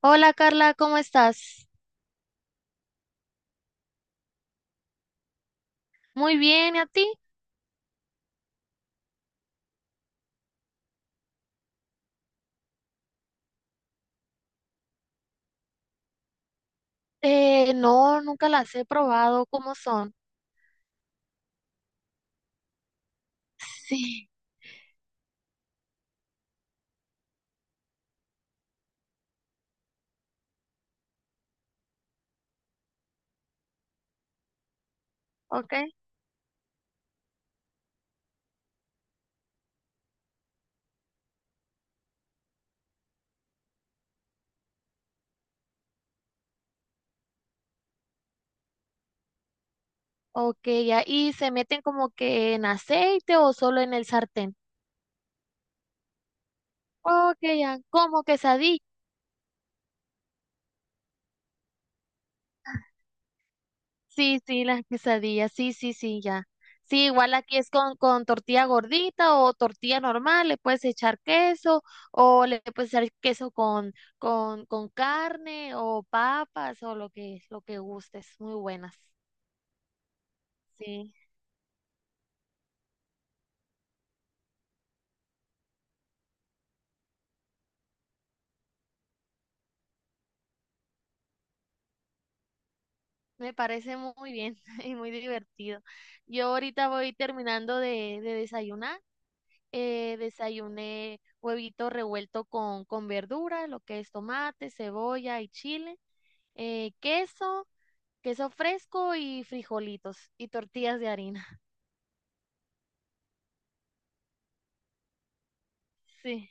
Hola Carla, ¿cómo estás? Muy bien, ¿y a ti? No, nunca las he probado, ¿cómo son? Sí, ok. Ok, ya, ¿y se meten como que en aceite o solo en el sartén? Ok, ya, ¿como quesadilla? Sí, sí, las quesadillas, sí, sí, sí, ya. Sí, igual aquí es con, tortilla gordita o tortilla normal, le puedes echar queso o le puedes echar queso con carne o papas o lo que gustes, muy buenas. Sí, me parece muy bien y muy divertido. Yo ahorita voy terminando de desayunar. Desayuné huevito revuelto con verdura, lo que es tomate, cebolla y chile, queso, queso fresco y frijolitos y tortillas de harina. Sí.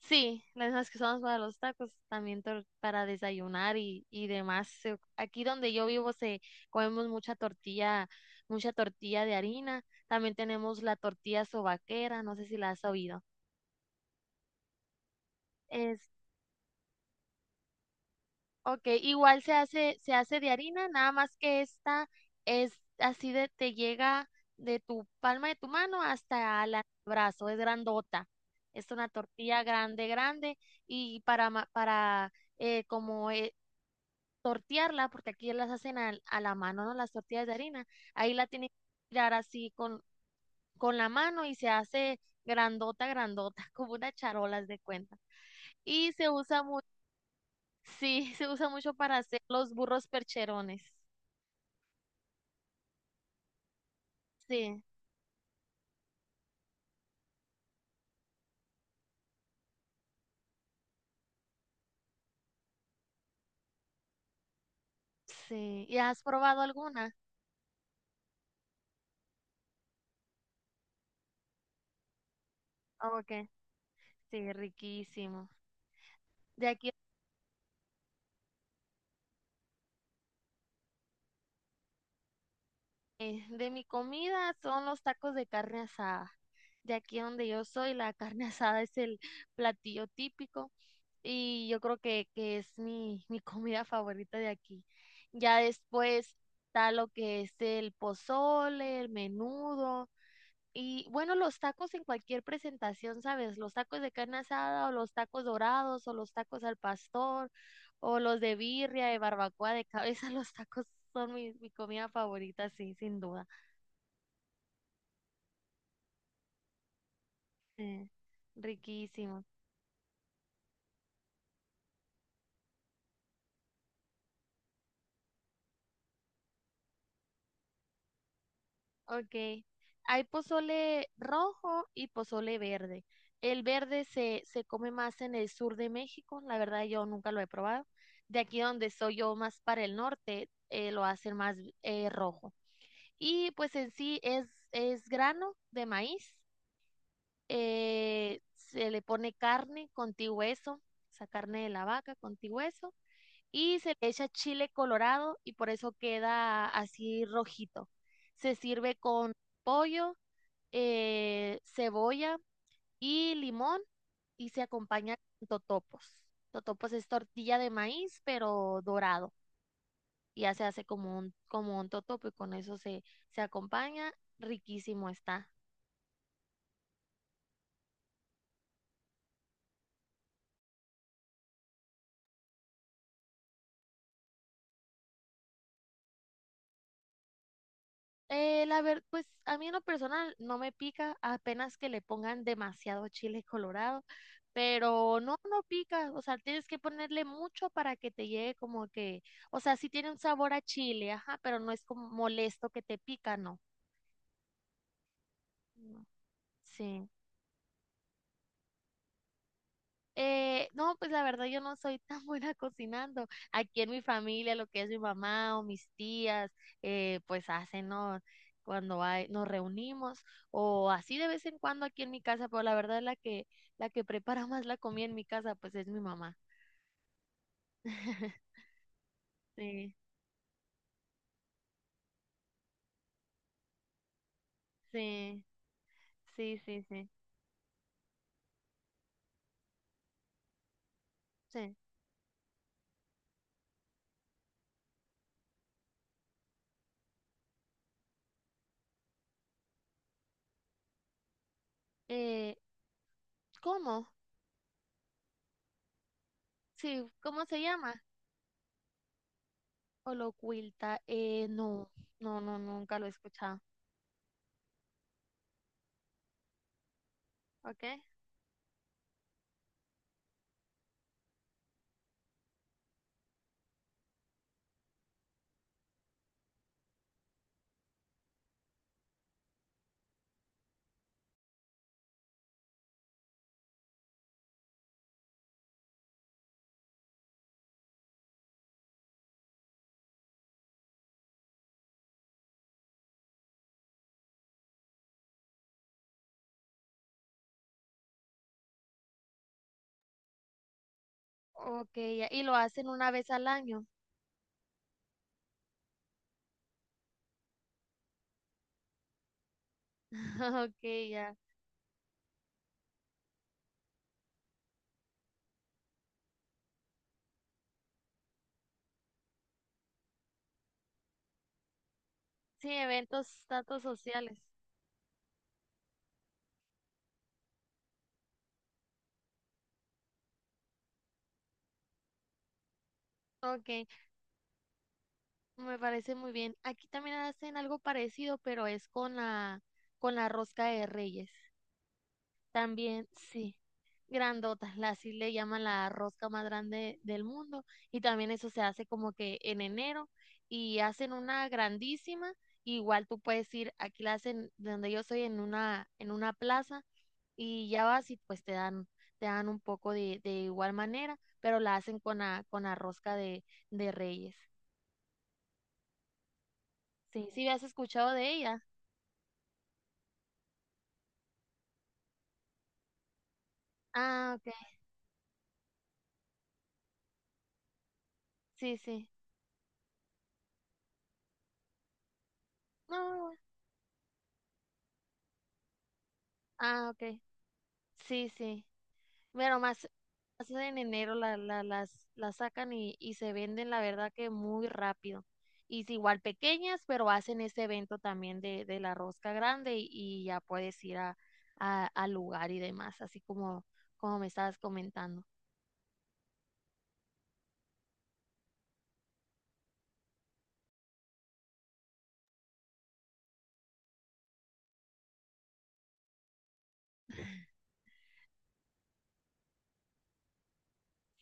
Sí, las mismas que usamos para los tacos, también para desayunar y demás. Aquí donde yo vivo se comemos mucha tortilla de harina. También tenemos la tortilla sobaquera, no sé si la has oído. Es, ok, igual se hace, de harina, nada más que esta es así te llega de tu palma de tu mano hasta el brazo, es grandota. Es una tortilla grande, grande y para como tortearla, porque aquí las hacen a la mano, ¿no? Las tortillas de harina. Ahí la tienen que tirar así con la mano y se hace grandota, grandota, como unas charolas de cuenta. Y se usa mucho, sí, se usa mucho para hacer los burros percherones. Sí, sí. ¿Y has probado alguna? Ok, sí, riquísimo. De aquí de mi comida son los tacos de carne asada. De aquí donde yo soy, la carne asada es el platillo típico y yo creo que es mi comida favorita de aquí. Ya después está lo que es el pozole, el menudo y bueno, los tacos en cualquier presentación, ¿sabes? Los tacos de carne asada o los tacos dorados o los tacos al pastor o los de birria, de barbacoa, de cabeza, los tacos son mi comida favorita, sí, sin duda. Sí, riquísimo. Ok. Hay pozole rojo y pozole verde. El verde se come más en el sur de México. La verdad, yo nunca lo he probado. De aquí donde soy yo, más para el norte, lo hacen más rojo. Y pues en sí es grano de maíz. Se le pone carne con ti hueso, esa carne de la vaca con ti hueso y se le echa chile colorado y por eso queda así rojito. Se sirve con pollo, cebolla y limón y se acompaña con totopos. Totopos es tortilla de maíz, pero dorado. Y ya se hace como un, totopo y con eso se acompaña. Riquísimo está. La verdad, pues a mí en lo personal no me pica, apenas que le pongan demasiado chile colorado, pero no, no pica, o sea, tienes que ponerle mucho para que te llegue como que, o sea, sí tiene un sabor a chile, ajá, pero no es como molesto que te pica, no. No. Sí. No, pues la verdad yo no soy tan buena cocinando. Aquí en mi familia, lo que es mi mamá o mis tías, pues hacen, ¿no? Cuando hay, nos reunimos o así de vez en cuando aquí en mi casa, pero la verdad la que prepara más la comida en mi casa, pues es mi mamá. Sí, sí, sí, sí, sí, sí. Eh, ¿Cómo? Sí, ¿cómo se llama? Holocuilta. No, no, no, nunca lo he escuchado. ¿Ok? Ok, ya, y lo hacen una vez al año. Ok, ya. Sí, eventos, datos sociales. Ok, me parece muy bien. Aquí también hacen algo parecido, pero es con la rosca de Reyes. También, sí. Grandotas, así le llaman la rosca más grande del mundo y también eso se hace como que en enero y hacen una grandísima, igual tú puedes ir, aquí la hacen de donde yo soy en una plaza y ya vas y pues te dan un poco de igual manera, pero la hacen con la rosca de Reyes. Sí, sí has escuchado de ella. Ah, ok. Sí, sí. No, ah, ok. Sí, sí. Bueno, más en enero las sacan y se venden, la verdad que muy rápido. Y es igual pequeñas, pero hacen ese evento también de la rosca grande y ya puedes ir al lugar y demás, así como me estabas comentando.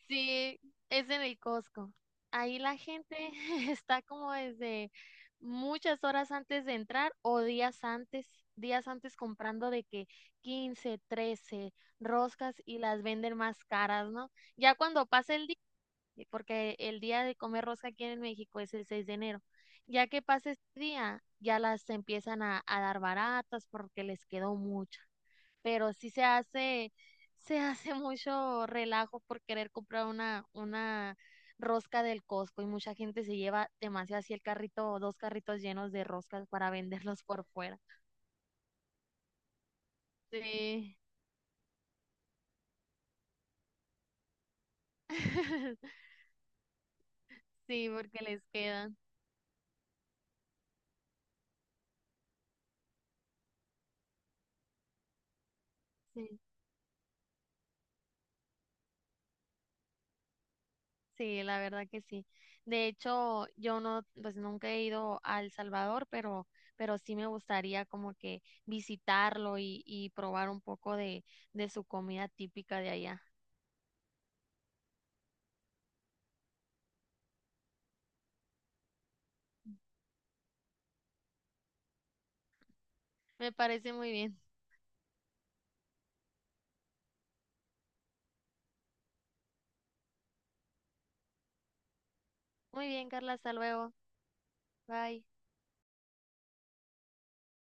Sí, es en el Costco. Ahí la gente está como desde muchas horas antes de entrar o días antes comprando de que 15, 13 roscas y las venden más caras, ¿no? Ya cuando pasa el día, porque el día de comer rosca aquí en México es el 6 de enero, ya que pasa ese día, ya las empiezan a dar baratas porque les quedó mucha pero sí se hace, mucho relajo por querer comprar una rosca del Costco y mucha gente se lleva demasiado así el carrito o dos carritos llenos de roscas para venderlos por fuera. Sí, sí, porque les quedan. Sí, sí, la verdad que sí. De hecho, yo no, pues nunca he ido a El Salvador, pero, sí me gustaría como que visitarlo y probar un poco de su comida típica de allá. Me parece muy bien. Muy bien, Carla, hasta luego. Bye.